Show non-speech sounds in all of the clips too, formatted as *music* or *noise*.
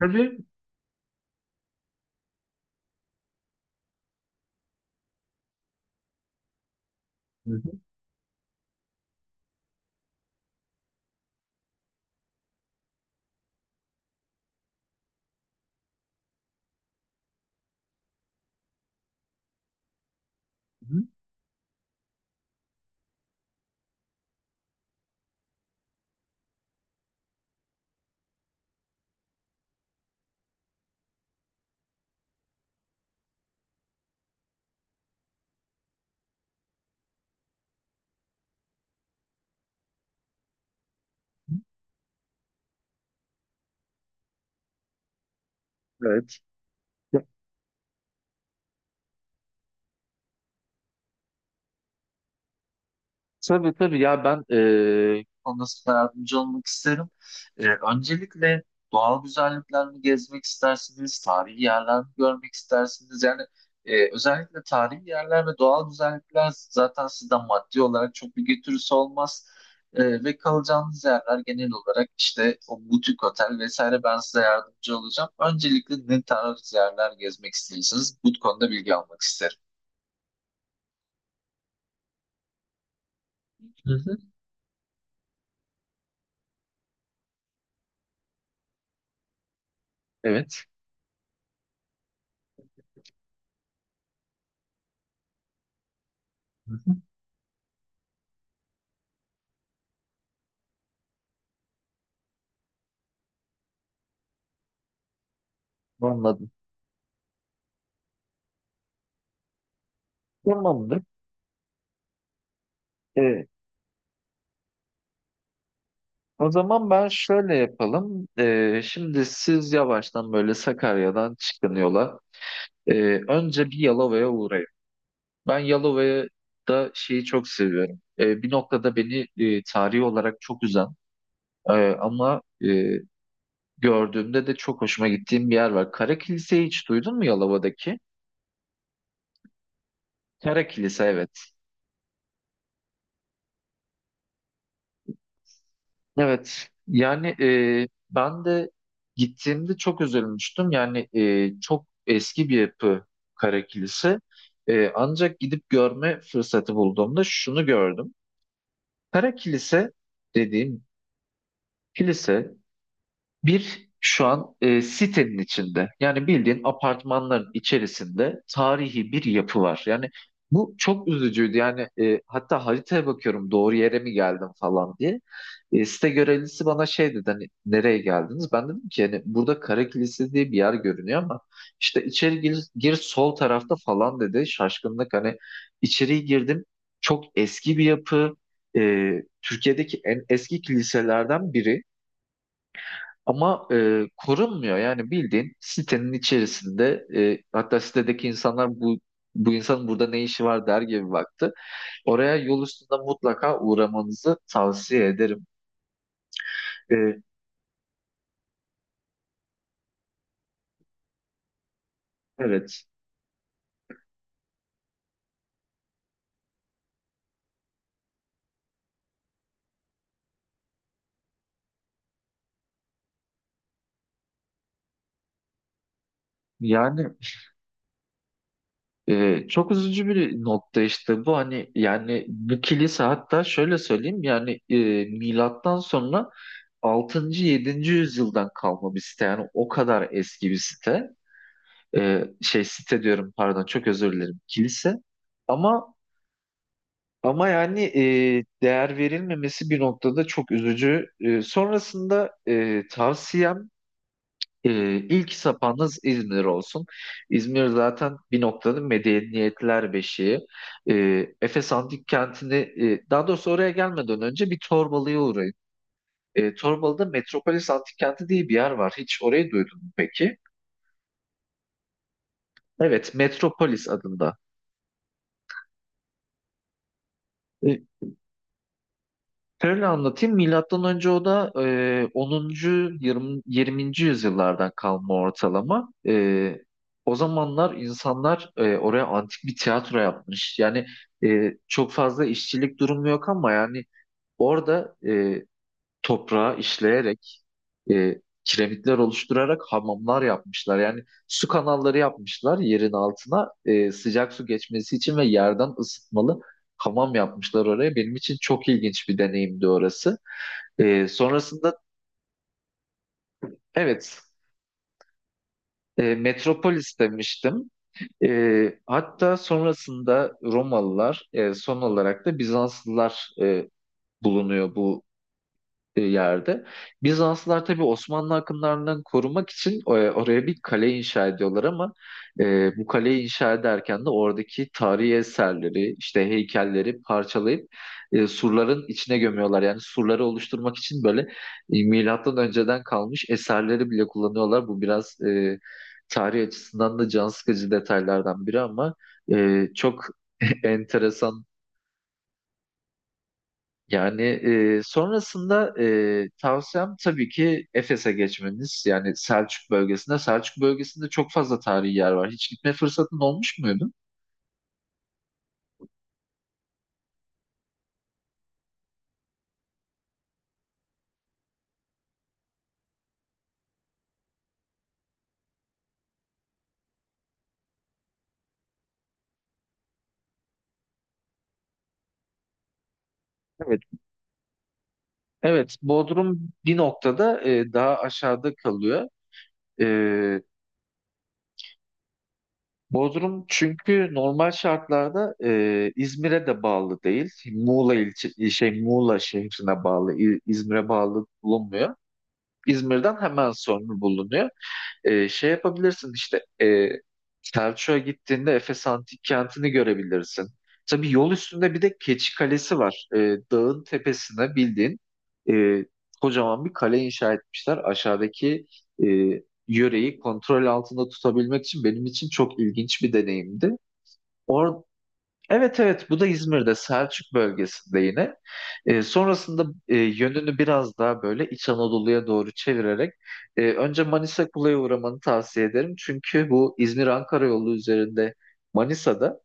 Tabii. Hı hı, hı hı. Evet. Ya, tabii tabii ya ben konusunda yardımcı olmak isterim. Öncelikle doğal güzelliklerini gezmek istersiniz, tarihi yerlerini görmek istersiniz? Yani özellikle tarihi yerler ve doğal güzellikler zaten sizden maddi olarak çok bir götürüsü olmaz. Ve kalacağınız yerler genel olarak işte o butik otel vesaire ben size yardımcı olacağım. Öncelikle ne tarz yerler gezmek istiyorsanız bu konuda bilgi almak isterim. Evet. Hı hı. Anladım. Tamamdır. Ee, o zaman ben şöyle yapalım. Şimdi siz yavaştan böyle Sakarya'dan çıkın yola. Ee, önce bir Yalova'ya uğrayın. Ben Yalova'da şeyi çok seviyorum. Bir noktada beni tarihi olarak çok üzen e, ama gördüğümde de çok hoşuma gittiğim bir yer var. Kara Kilise'yi hiç duydun mu Yalova'daki? Kara Kilise, evet. Evet. Yani ben de gittiğimde çok üzülmüştüm. Yani çok eski bir yapı Kara Kilise. Ancak gidip görme fırsatı bulduğumda şunu gördüm. Kara Kilise dediğim kilise bir şu an sitenin içinde, yani bildiğin apartmanların içerisinde tarihi bir yapı var. Yani bu çok üzücüydü, yani hatta haritaya bakıyorum doğru yere mi geldim falan diye. Site görevlisi bana şey dedi, hani nereye geldiniz? Ben dedim ki hani burada Kara Kilisesi diye bir yer görünüyor ama işte içeri gir, gir sol tarafta falan dedi şaşkınlık, hani içeriye girdim, çok eski bir yapı. E, Türkiye'deki en eski kiliselerden biri. Ama korunmuyor. Yani bildiğin sitenin içerisinde, hatta sitedeki insanlar bu insanın burada ne işi var der gibi baktı. Oraya yol üstünde mutlaka uğramanızı tavsiye ederim. E, evet. Yani çok üzücü bir nokta işte bu, hani yani bu kilise hatta şöyle söyleyeyim, yani milattan sonra altıncı yedinci yüzyıldan kalma bir site, yani o kadar eski bir site. Şey site diyorum, pardon, çok özür dilerim, kilise ama ama yani değer verilmemesi bir noktada çok üzücü. Sonrasında tavsiyem, ilk sapanız İzmir olsun. İzmir zaten bir noktada medeniyetler beşiği. Efes Antik Kenti'ni, daha doğrusu oraya gelmeden önce bir Torbalı'ya uğrayın. Torbalı'da Metropolis Antik Kenti diye bir yer var. Hiç orayı duydun mu peki? Evet, Metropolis adında. E, Şöyle anlatayım. Milattan önce, o da 10. 20. 20. yüzyıllardan kalma ortalama. O zamanlar insanlar oraya antik bir tiyatro yapmış. Yani çok fazla işçilik durumu yok, ama yani orada toprağı işleyerek, kiremitler oluşturarak hamamlar yapmışlar. Yani su kanalları yapmışlar yerin altına, sıcak su geçmesi için, ve yerden ısıtmalı hamam yapmışlar oraya. Benim için çok ilginç bir deneyimdi orası. Sonrasında, evet, Metropolis demiştim. Hatta sonrasında Romalılar, son olarak da Bizanslılar bulunuyor bu yerde. Bizanslılar tabii Osmanlı akınlarından korumak için oraya bir kale inşa ediyorlar, ama bu kaleyi inşa ederken de oradaki tarihi eserleri, işte heykelleri parçalayıp surların içine gömüyorlar. Yani surları oluşturmak için böyle milattan önceden kalmış eserleri bile kullanıyorlar. Bu biraz tarih açısından da can sıkıcı detaylardan biri, ama çok *laughs* enteresan, yani sonrasında, tavsiyem tabii ki Efes'e geçmeniz. Yani Selçuk bölgesinde. Selçuk bölgesinde çok fazla tarihi yer var. Hiç gitme fırsatın olmuş muydu? Evet. Evet, Bodrum bir noktada daha aşağıda kalıyor. E, Bodrum çünkü normal şartlarda İzmir'e de bağlı değil. Muğla ilçe, şey Muğla şehrine bağlı, İzmir'e bağlı bulunmuyor. İzmir'den hemen sonra bulunuyor. Şey yapabilirsin işte, Selçuk'a gittiğinde Efes Antik Kenti'ni görebilirsin. Tabii yol üstünde bir de Keçi Kalesi var. Dağın tepesine bildiğin e, kocaman bir kale inşa etmişler. Aşağıdaki e, yöreyi kontrol altında tutabilmek için benim için çok ilginç bir deneyimdi. Or Evet, evet, bu da İzmir'de, Selçuk bölgesinde yine. Sonrasında, yönünü biraz daha böyle İç Anadolu'ya doğru çevirerek önce Manisa Kula'ya uğramanı tavsiye ederim. Çünkü bu İzmir-Ankara yolu üzerinde Manisa'da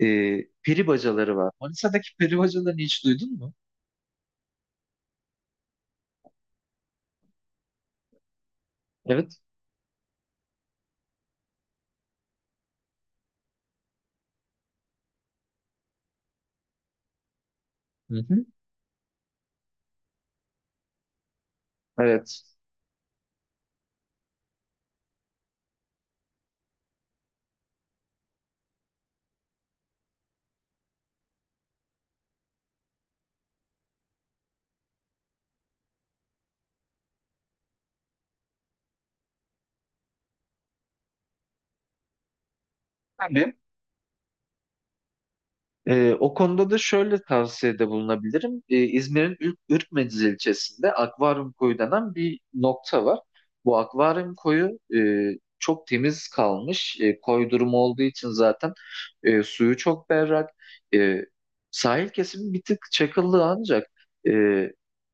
e, peri bacaları var. Manisa'daki peri bacalarını hiç duydun mu? Evet. Hı hı. Evet. Tabii. O konuda da şöyle tavsiyede bulunabilirim. İzmir'in Ürkmeciz ilçesinde Akvaryum Koyu denen bir nokta var. Bu Akvaryum Koyu çok temiz kalmış. Koy durumu olduğu için zaten suyu çok berrak. E, sahil kesimi bir tık çakıllı, ancak e,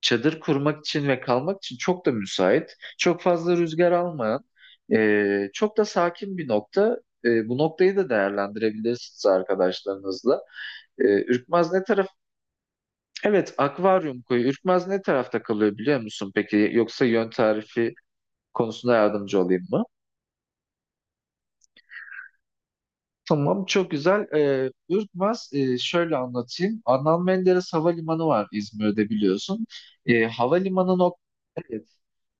çadır kurmak için ve kalmak için çok da müsait. Çok fazla rüzgar almayan, çok da sakin bir nokta. Bu noktayı da değerlendirebilirsiniz arkadaşlarınızla. Ürkmaz ne taraf? Evet, akvaryum koyu. Ürkmaz ne tarafta kalıyor biliyor musun peki? Yoksa yön tarifi konusunda yardımcı olayım mı? Tamam, çok güzel. Ürkmaz, şöyle anlatayım. Adnan Menderes Havalimanı var İzmir'de, biliyorsun. Ee, havalimanı nokta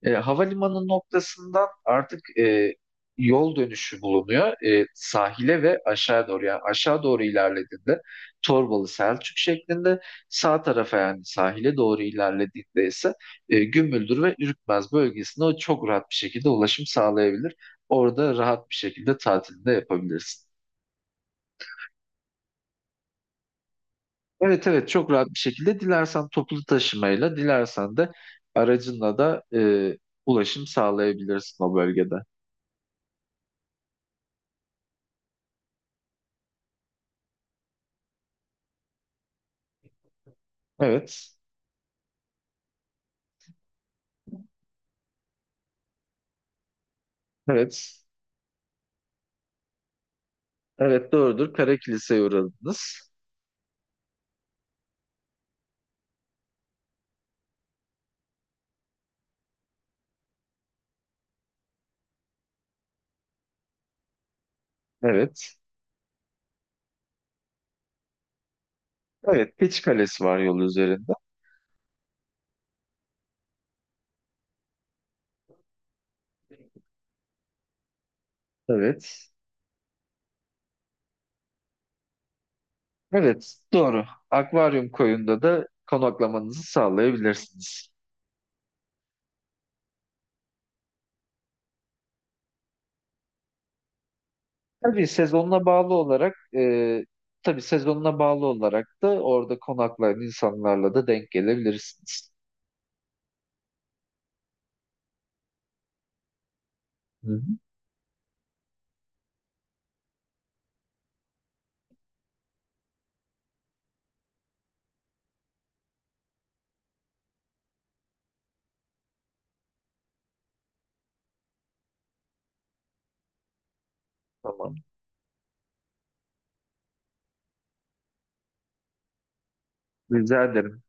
Havalimanı noktasından artık yol dönüşü bulunuyor sahile ve aşağı doğru. Yani aşağı doğru ilerlediğinde Torbalı Selçuk şeklinde, sağ tarafa yani sahile doğru ilerlediğinde ise Gümüldür ve Ürkmez bölgesine o çok rahat bir şekilde ulaşım sağlayabilir. Orada rahat bir şekilde tatilini de yapabilirsin. Evet, evet, çok rahat bir şekilde dilersen toplu taşımayla, dilersen de aracınla da ulaşım sağlayabilirsin o bölgede. Evet. Evet. Evet, doğrudur. Kara Kilise'ye uğradınız. Evet. Evet. Keçi Kalesi var yol üzerinde. Evet. Evet. Doğru. Akvaryum koyunda da konaklamanızı sağlayabilirsiniz. Tabii sezonuna bağlı olarak e, tabii sezonuna bağlı olarak da orada konaklayan insanlarla da denk gelebilirsiniz. Hı hı. Tamam. Rica ederim.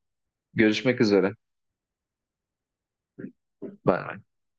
Görüşmek üzere. Bay bay.